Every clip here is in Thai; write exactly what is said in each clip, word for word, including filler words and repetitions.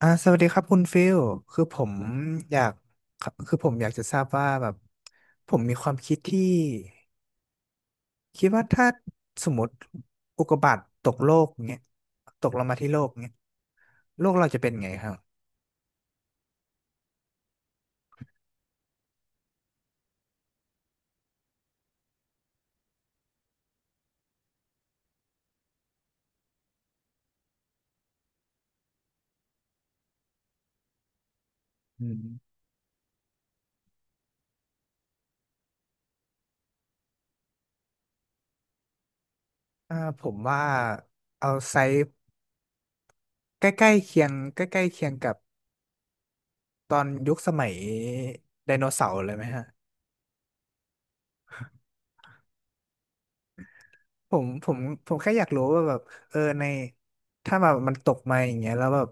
อ่าสวัสดีครับคุณฟิลคือผมอยากคือผมอยากจะทราบว่าแบบผมมีความคิดที่คิดว่าถ้าสมมติอุกกาบาตตกโลกเงี้ยตกลงมาที่โลกเงี้ยโลกเราจะเป็นไงครับอืมอ่าผมว่าเอาไซส์ใกล้ๆเคียงใกล้ๆเคียงกับตอนยุคสมัยไดโนเสาร์เลยไหมฮะ ผมผมผมแค่อยากรู้ว่าแบบเออในถ้าแบบมันตกมาอย่างเงี้ยแล้วแบบ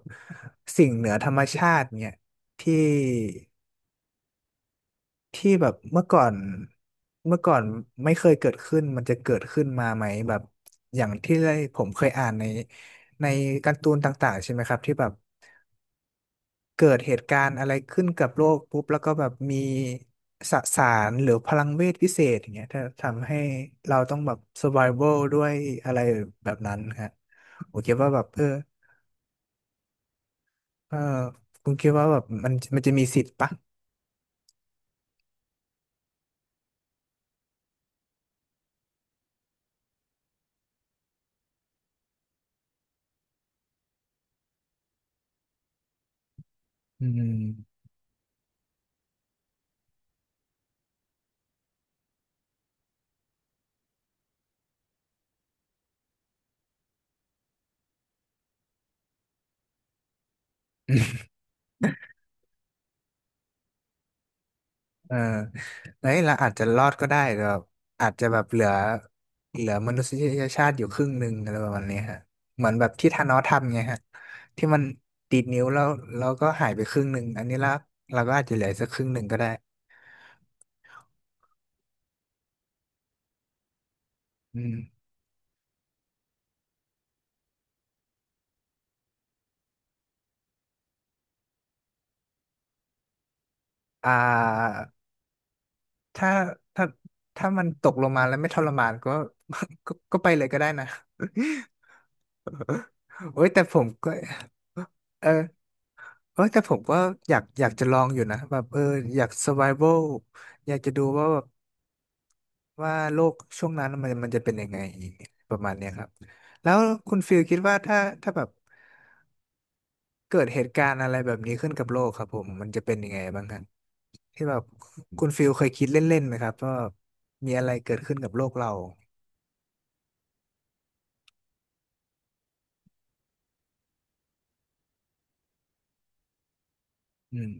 สิ่งเหนือธรรมชาติเนี่ยที่ที่แบบเมื่อก่อนเมื่อก่อนไม่เคยเกิดขึ้นมันจะเกิดขึ้นมาไหมแบบอย่างที่ได้ผมเคยอ่านในในการ์ตูนต่างๆใช่ไหมครับที่แบบ เกิดเหตุการณ์อะไรขึ้นกับโลกปุ๊บแล้วก็แบบมีสสารหรือพลังเวทพิเศษอย่างเงี้ยถ้าทำให้เราต้องแบบ survival ด้วยอะไรแบบนั้นฮะผมคิดว่าแบบเออเออคุณคิดว่าแบบมันมันจะมีสิทธิ์ปะอืม เออเฮ้ยเราอาจจะรอดก็ได้แต่แบบอาจจะแบบเหลือเหลือมนุษยชาติอยู่ครึ่งหนึ่งอะไรประมาณนี้ฮะเหมือนแบบที่ธานอสทำไงฮะที่มันดีดนิ้วแล้วแล้วก็หายไปครึ่งหนึ่งอันนี้ละเราก็อาจจะเหลือสักครึ่งหนึ่งก็ได้อืมอ่าถ้าถ้าถ้ามันตกลงมาแล้วไม่ทรมานก็ ก็ก็ไปเลยก็ได้นะ โอ้ยแต่ผมก็เออเออแต่ผมก็อยากอยากจะลองอยู่นะแบบเอออยาก survival อยากจะดูว่าแบบ ว่าโลกช่วงนั้นมันมันจะเป็นยังไงประมาณเนี้ยครับแล้วคุณฟิลคิดว่าถ้าถ้าแบบเกิดเหตุการณ์อะไรแบบนี้ขึ้นกับโลกครับผมมันจะเป็นยังไงบ้างครับที่แบบคุณฟิลเคยคิดเล่นๆไหมครับว่ามีอะไรเกิดขึ้นกับโลกเราอืม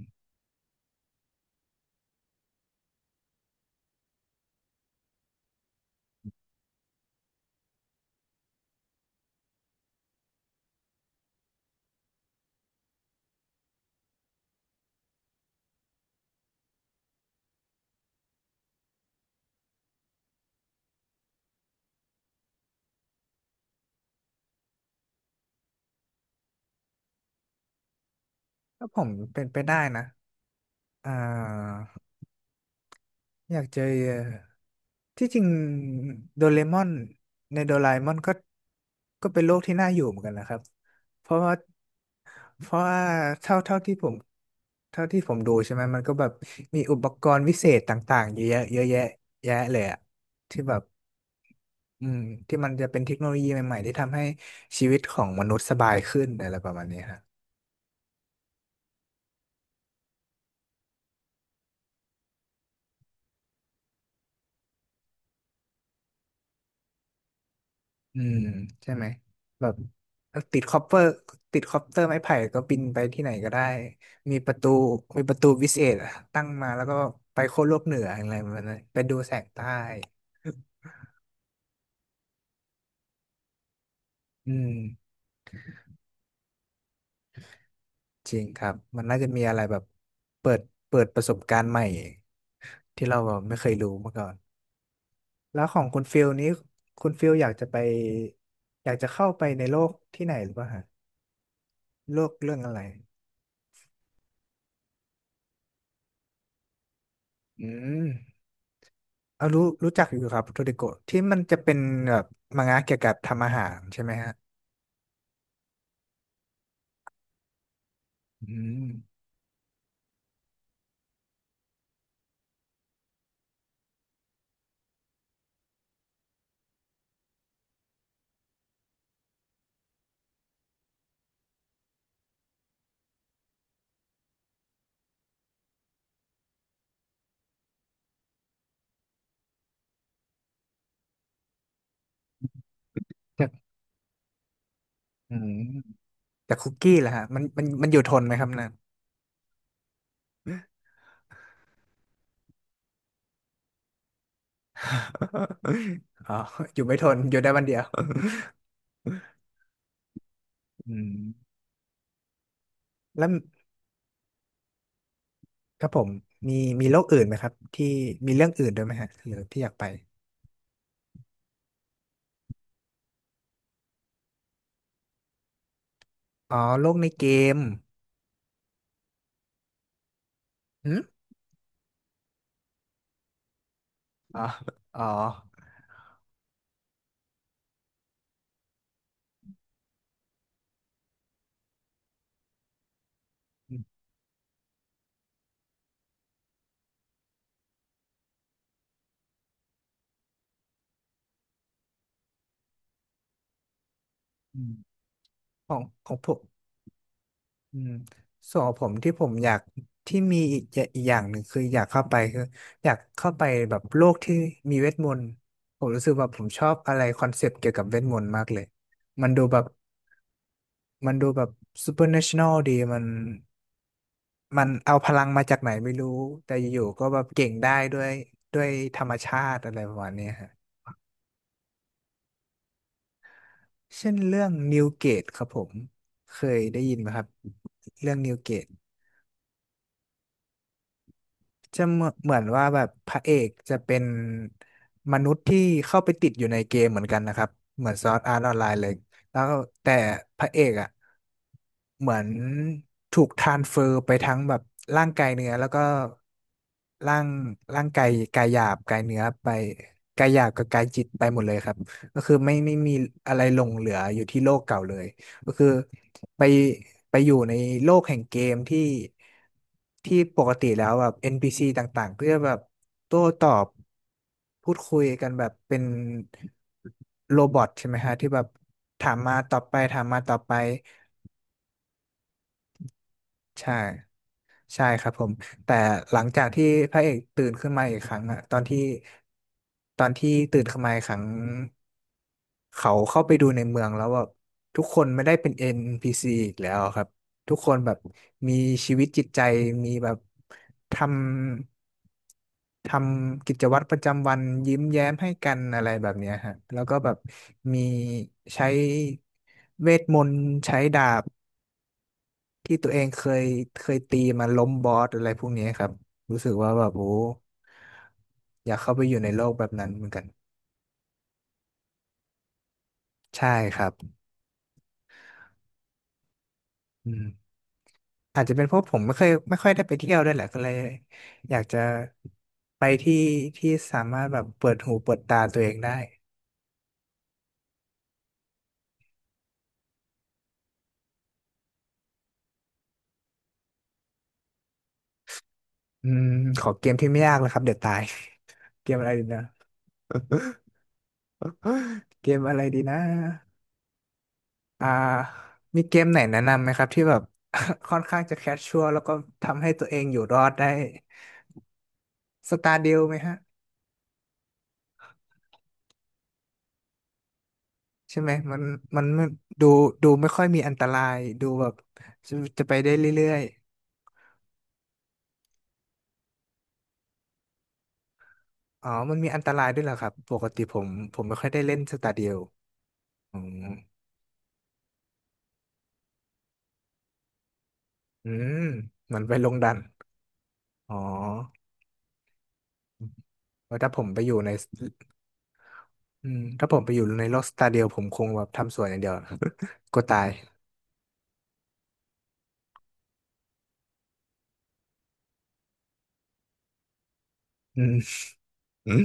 ถ้าผมเป็นไปได้นะอ่าอยากเจอ ที่จริงโดเรมอนในโดราเอมอนก็ก็เป็นโลกที่น่าอยู่เหมือนกันนะครับเพราะว่าเพราะว่าเท่าเท่าที่ผมเท่าที่ผมดูใช่ไหมมันก็แบบมีอุปกรณ์วิเศษต่างๆเยอะแยะเยอะแยะแยะเลยอะที่แบบอืมที่มันจะเป็นเทคโนโลยีใหม่ๆที่ทำให้ชีวิตของมนุษย์สบายขึ้นอะไรประมาณนี้ครับ อืมใช่ไหมแบบติดคอปเปอร์ติดคอปเตอร์ไม้ไผ่ก็บินไปที่ไหนก็ได้มีประตูมีประตูวิเศษอะตั้งมาแล้วก็ไปโค้วโลกเหนืออะไรประมาณนั้นไปดูแสงใต้อืมจริงครับมันน่าจะมีอะไรแบบเปิดเปิดประสบการณ์ใหม่ที่เราแบบไม่เคยรู้มาก่อนแล้วของคุณฟิลนี้คุณฟิลอยากจะไปอยากจะเข้าไปในโลกที่ไหนหรือเปล่าฮะโลกเรื่องอะไรอืม เอารู้รู้จักอยู่ครับโทริโกะที่มันจะเป็นแบบมังงะเกี่ยวกับทำอาหารใช่ไหมฮะอืมจากอืมจากคุกกี้แหล่ะฮะมันมันมันอยู่ทนไหมครับนั่น อ๋ออยู่ไม่ทนอยู่ได้วันเดียว อืมแล้วครับผมมีมีโรคอื่นไหมครับที่มีเรื่องอื่นด้วยไหมฮะหรือที่อยากไปอ๋อโรกในเกมหืมอ๋ออ๋อของของผม อืมส่วนของผมที่ผมอยากที่มีอีกอย่าอีกอย่างหนึ่งคืออยากเข้าไปคืออยากเข้าไปแบบโลกที่มีเวทมนต์ผมรู้สึกว่าผมชอบอะไรคอนเซปต์เกี่ยวกับเวทมนต์มากเลยมันดูแบบมันดูแบบซูเปอร์เนชั่นแนลดีมันมันเอาพลังมาจากไหนไม่รู้แต่อยู่ๆก็แบบเก่งได้ด้วยด้วยธรรมชาติอะไรประมาณเนี้ยฮะเช่นเรื่องนิวเกตครับผมเคยได้ยินไหมครับเรื่องนิวเกต จะเหมือนเหมือนว่าแบบพระเอกจะเป็นมนุษย์ที่เข้าไปติดอยู่ในเกมเหมือนกันนะครับเหมือนซอร์ดอาร์ตออนไลน์เลยแล้วแต่พระเอกอ่ะเหมือนถูกทรานสเฟอร์ไปทั้งแบบร่างกายเนื้อแล้วก็ร่างร่างกายกายหยาบกายเนื้อไปกายหยาบกับกายจิตไปหมดเลยครับก็คือไม่ไม่มีอะไรหลงเหลืออยู่ที่โลกเก่าเลยก็คือ ไปไปอยู่ในโลกแห่งเกมที่ที่ปกติแล้วแบบ เอ็น พี ซี ต่างๆก็จะแบบโต้ตอบพูดคุยกันแบบเป็นโรบอทใช่ไหมฮะที่แบบถามมาตอบไปถามมาตอบไปใช่ ใช่ครับผมแต่หลังจากที่พระเอกตื่นขึ้นมาอีกครั้งอะตอนที่ตอนที่ตื่นขึ้นมาอีกครั้งเขาเข้าไปดูในเมืองแล้วแบบทุกคนไม่ได้เป็น เอ็น พี ซี อนพีซีอีกแล้วครับทุกคนแบบมีชีวิตจิตใจมีแบบทำทำกิจวัตรประจำวันยิ้มแย้มให้กันอะไรแบบเนี้ยฮะแล้วก็แบบมีใช้เวทมนต์ใช้ดาบ ที่ตัวเองเคยเคยตีมาล้มบอสอะไรพวกนี้ครับรู้สึกว่าแบบโอ้อยากเข้าไปอยู่ในโลกแบบนั้นเหมือนกันใช่ครับอืมอาจจะเป็นเพราะผมไม่เคยไม่ค่อยได้ไปเที่ยวด้วยแหละก็เลยอยากจะไปที่ที่สามารถแบบเปิดหูเปิดตาตัวเองได้อืมขอเกมที่ไม่ยากเลยครับเดี๋ยวตาย เกมอะไรดีนะเกมอะไรดีนะอ่ามีเกมไหนแนะนำไหมครับที่แบบ ค่อนข้างจะแคชชัวร์แล้วก็ทำให้ตัวเองอยู่รอดได้สตาร์ดิวไหมฮะ ใช่ไหมมันมันมันดูดูไม่ค่อยมีอันตรายดูแบบจะจะไปได้เรื่อยๆอ๋อมันมีอันตรายด้วยเหรอครับปกติผมผมไม่ค่อยได้เล่นสตาเดียวอืมอืมมันไปลงดันอ๋อว่าถ้าผมไปอยู่ในอืมถ้าผมไปอยู่ในโลกสตาเดียวผมคงแบบทำสวยอย่างเดียว กลัวตายอืมอืม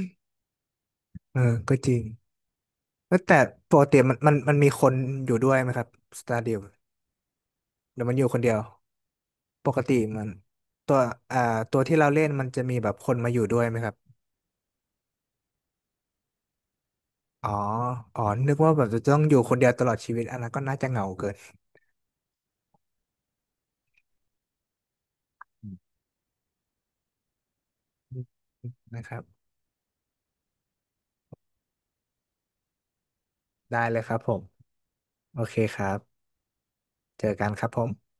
เออก็จริงเอ้ยแต่ปกติมันมันมันมีคนอยู่ด้วยไหมครับสตาเดียวหรือมันอยู่คนเดียว ปกติมันตัวอ่าตัวที่เราเล่นมันจะมีแบบคนมาอยู่ด้วยไหมครับอ๋ออ๋อนึกว่าแบบจะต้องอยู่คนเดียวตลอดชีวิตอันนั้นก็น่าจะเหงาเกินนะครับได้เลยครับผมโอเคครับเจอกันครับผม